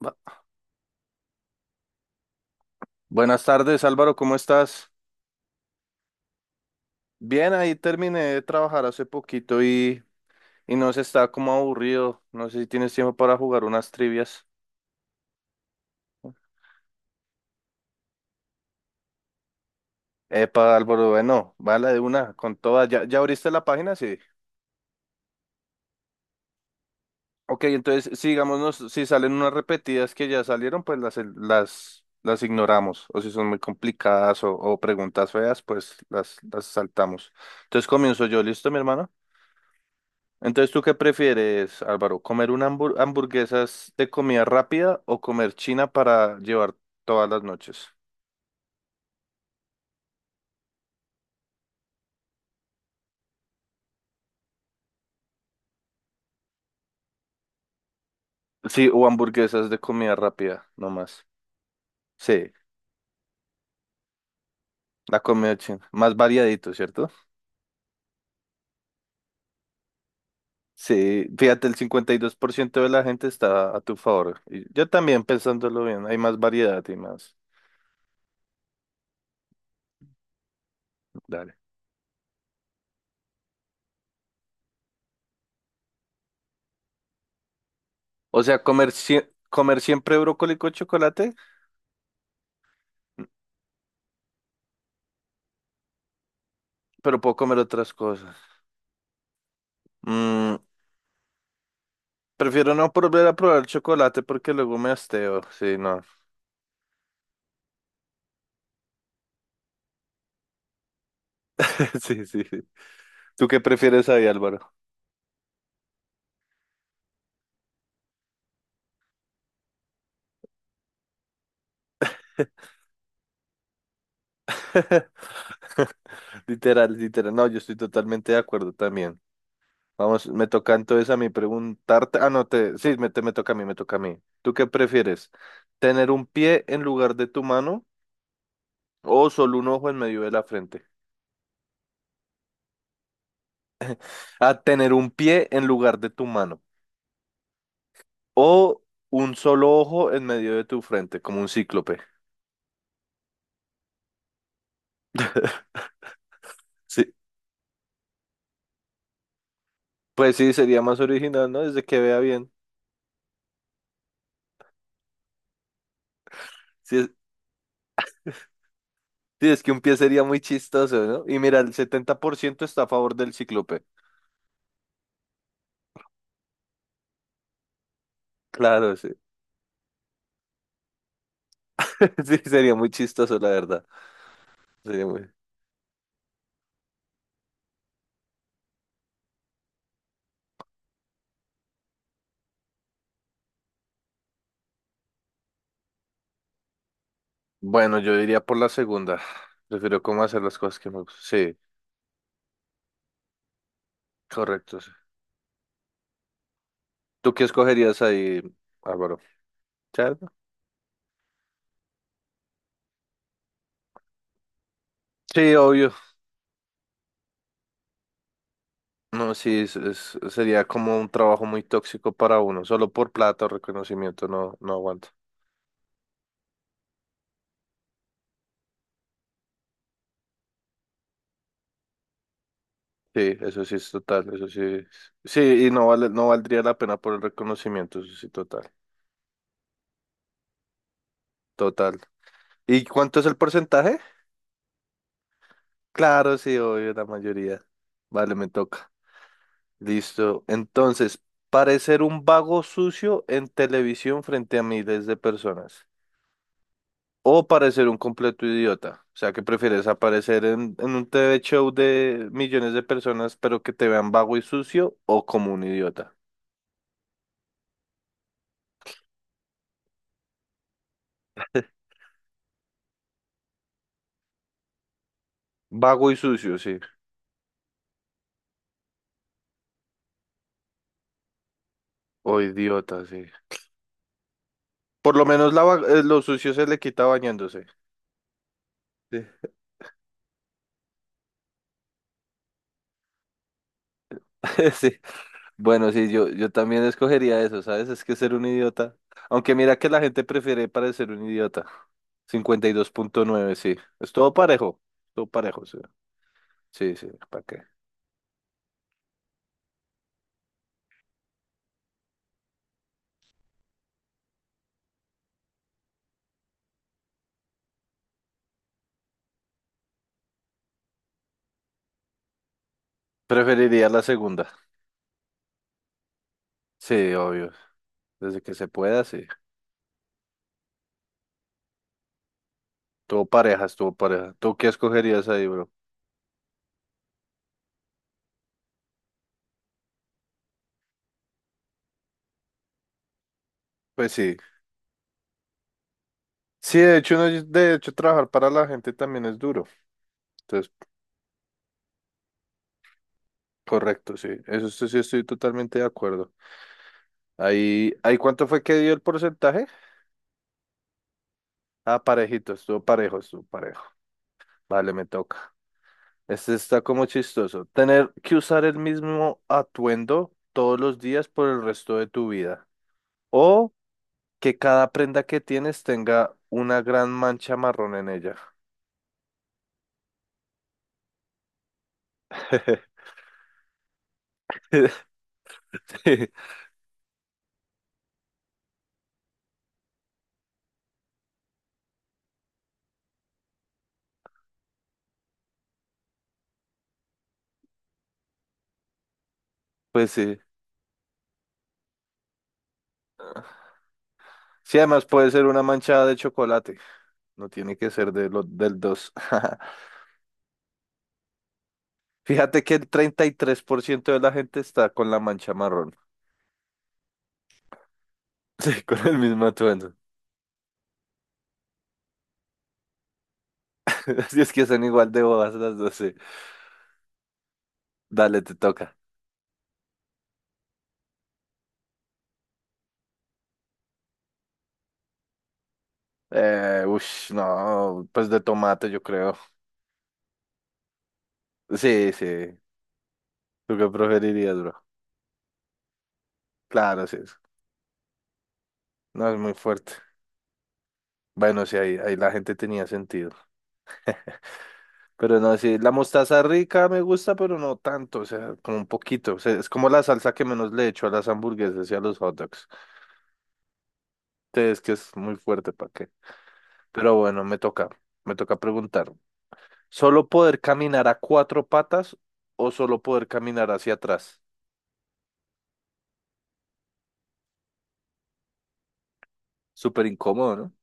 Bu- Buenas tardes, Álvaro, ¿cómo estás? Bien, ahí terminé de trabajar hace poquito y no sé, está como aburrido. No sé si tienes tiempo para jugar unas trivias. Epa, Álvaro, bueno, vale, de una, con todas. ¿Ya abriste la página? Sí. Ok, entonces, si digamos, si salen unas repetidas que ya salieron, pues las ignoramos. O si son muy complicadas o preguntas feas, pues las saltamos. Entonces comienzo yo, ¿listo, mi hermano? Entonces, ¿tú qué prefieres, Álvaro? ¿Comer una hamburguesas de comida rápida o comer china para llevar todas las noches? Sí, o hamburguesas de comida rápida, nomás. Sí, la comida china. Más variadito, ¿cierto? Sí, fíjate, el 52% de la gente está a tu favor. Y yo también, pensándolo bien, hay más variedad y más. Dale. O sea, comer, comer siempre brócoli con chocolate, pero puedo comer otras cosas. Mm, Prefiero no volver a probar chocolate porque luego me hasteo. Sí, no. Sí, sí, sí. ¿Tú qué prefieres ahí, Álvaro? Literal, literal. No, yo estoy totalmente de acuerdo también. Vamos, me toca entonces a mí preguntarte. Ah, no, te, sí, me, te, me toca a mí. ¿Tú qué prefieres? ¿Tener un pie en lugar de tu mano o solo un ojo en medio de la frente? Ah, tener un pie en lugar de tu mano o un solo ojo en medio de tu frente, como un cíclope. Sí. Pues sí, sería más original, ¿no? Desde que vea bien. Sí, es sí, es que un pie sería muy chistoso, ¿no? Y mira, el 70% está a favor del cíclope. Claro, sí. Sí, sería muy chistoso, la verdad. Sería muy... Bueno, yo diría por la segunda. Prefiero cómo hacer las cosas que me gustan. Sí, correcto. Sí. ¿Tú qué escogerías ahí, Álvaro? ¿Cerdo? Sí, obvio. No, sí, sería como un trabajo muy tóxico para uno. Solo por plata o reconocimiento no, no aguanto. Sí, eso sí es total, eso sí. Sí, y no vale, no valdría la pena por el reconocimiento, eso sí, total. Total. ¿Y cuánto es el porcentaje? Claro, sí, obvio, la mayoría. Vale, me toca. Listo. Entonces, parecer un vago sucio en televisión frente a miles de personas. O parecer un completo idiota. O sea, que prefieres aparecer en un TV show de millones de personas, pero que te vean vago y sucio o como un idiota. Vago y sucio, sí. O idiota, sí. Por lo menos la, lo sucio se le quita bañándose. Sí. Sí. Bueno, sí, yo también escogería eso, ¿sabes? Es que ser un idiota. Aunque mira que la gente prefiere parecer un idiota. 52.9%, sí. Es todo parejo. Todo parejo, sí. Sí, sí, ¿para qué? Preferiría la segunda. Sí, obvio. Desde que se pueda, sí. Todo parejas, todo pareja. ¿Tú qué escogerías ahí, bro? Pues sí. Sí, de hecho, no, de hecho, trabajar para la gente también es duro. Entonces, correcto, sí. Eso sí estoy totalmente de acuerdo. Ahí, ¿ahí cuánto fue que dio el porcentaje? Ah, parejito, estuvo parejo, estuvo parejo. Vale, me toca. Este está como chistoso. Tener que usar el mismo atuendo todos los días por el resto de tu vida. O que cada prenda que tienes tenga una gran mancha marrón en ella. Pues sí. Sí, además puede ser una manchada de chocolate. No tiene que ser del 2. Fíjate que el 33% de la gente está con la mancha marrón. Sí, con el mismo atuendo. Así es que son igual de bobas las dos. Sí. Dale, te toca. No, pues de tomate yo creo. Sí, sí. ¿Tú qué preferirías, bro? Claro, sí. No es muy fuerte. Bueno, sí, ahí, ahí la gente tenía sentido. Pero no, sí, la mostaza rica me gusta, pero no tanto, o sea, como un poquito. O sea, es como la salsa que menos le echo a las hamburguesas y a los hot dogs. Entonces, que es muy fuerte, ¿para qué? Pero bueno, me toca preguntar. ¿Solo poder caminar a cuatro patas o solo poder caminar hacia atrás? Súper incómodo, ¿no?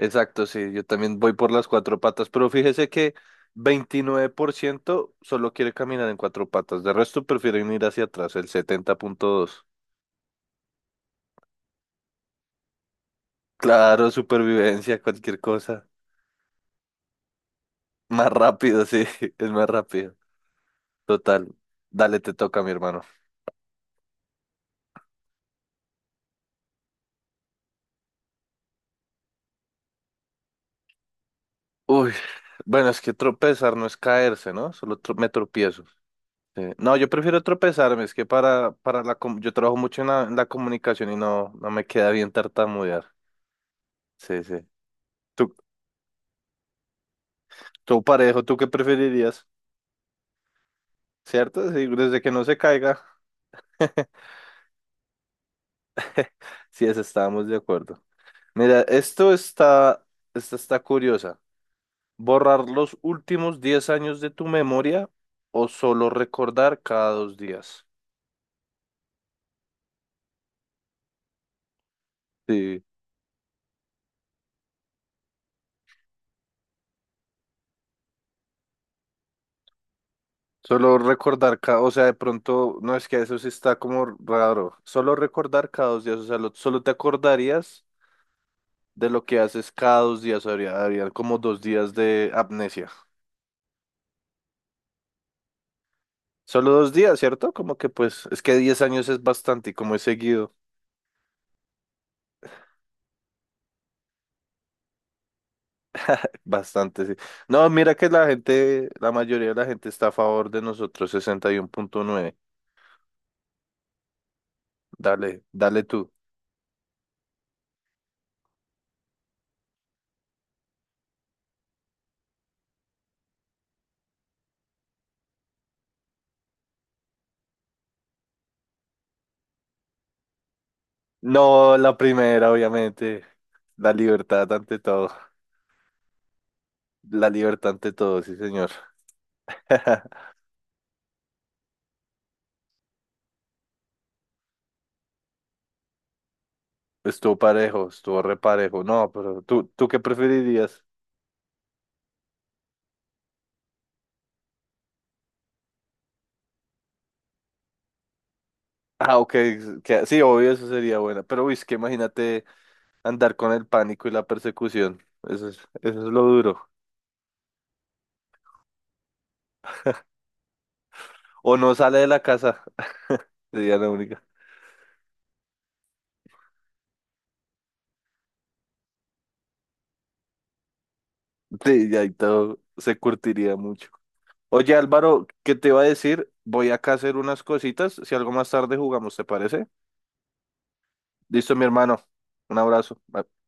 Exacto, sí, yo también voy por las cuatro patas, pero fíjese que 29% solo quiere caminar en cuatro patas, de resto prefieren ir hacia atrás, el 70.2%. Claro, supervivencia, cualquier cosa. Más rápido, sí, es más rápido. Total, dale, te toca, mi hermano. Uy, bueno, es que tropezar no es caerse, ¿no? Solo me tropiezo. Sí. No, yo prefiero tropezarme, es que para la... Yo trabajo mucho en la comunicación y no, no me queda bien tartamudear. Sí, sí. ¿Tú, todo parejo, ¿tú qué preferirías? ¿Cierto? Sí, desde que no se caiga. Sí, eso estábamos de acuerdo. Mira, esta está curiosa. ¿Borrar los últimos 10 años de tu memoria o solo recordar cada dos días? Sí, solo recordar cada, o sea, de pronto, no, es que eso sí está como raro. Solo recordar cada dos días, o sea, solo te acordarías de lo que haces cada dos días. Habría como dos días de amnesia. Solo dos días, ¿cierto? Como que pues, es que 10 años es bastante y como he seguido, bastante, sí. No, mira que la gente, la mayoría de la gente está a favor de nosotros, 61.9%. Dale, dale tú. No, la primera, obviamente. La libertad ante todo. La libertad ante todo, sí, señor. Estuvo parejo, estuvo reparejo. No, pero tú, ¿tú qué preferirías? Ah, ok, que, sí, obvio, eso sería buena. Pero, uy, es que imagínate. Andar con el pánico y la persecución. Eso es, eso es lo duro. O no sale de la casa. Sería la única. Sí, ya ahí todo se curtiría mucho. Oye, Álvaro, ¿qué te iba a decir? Voy acá a hacer unas cositas. Si algo más tarde jugamos, ¿te parece? Listo, mi hermano. Un abrazo. Bye.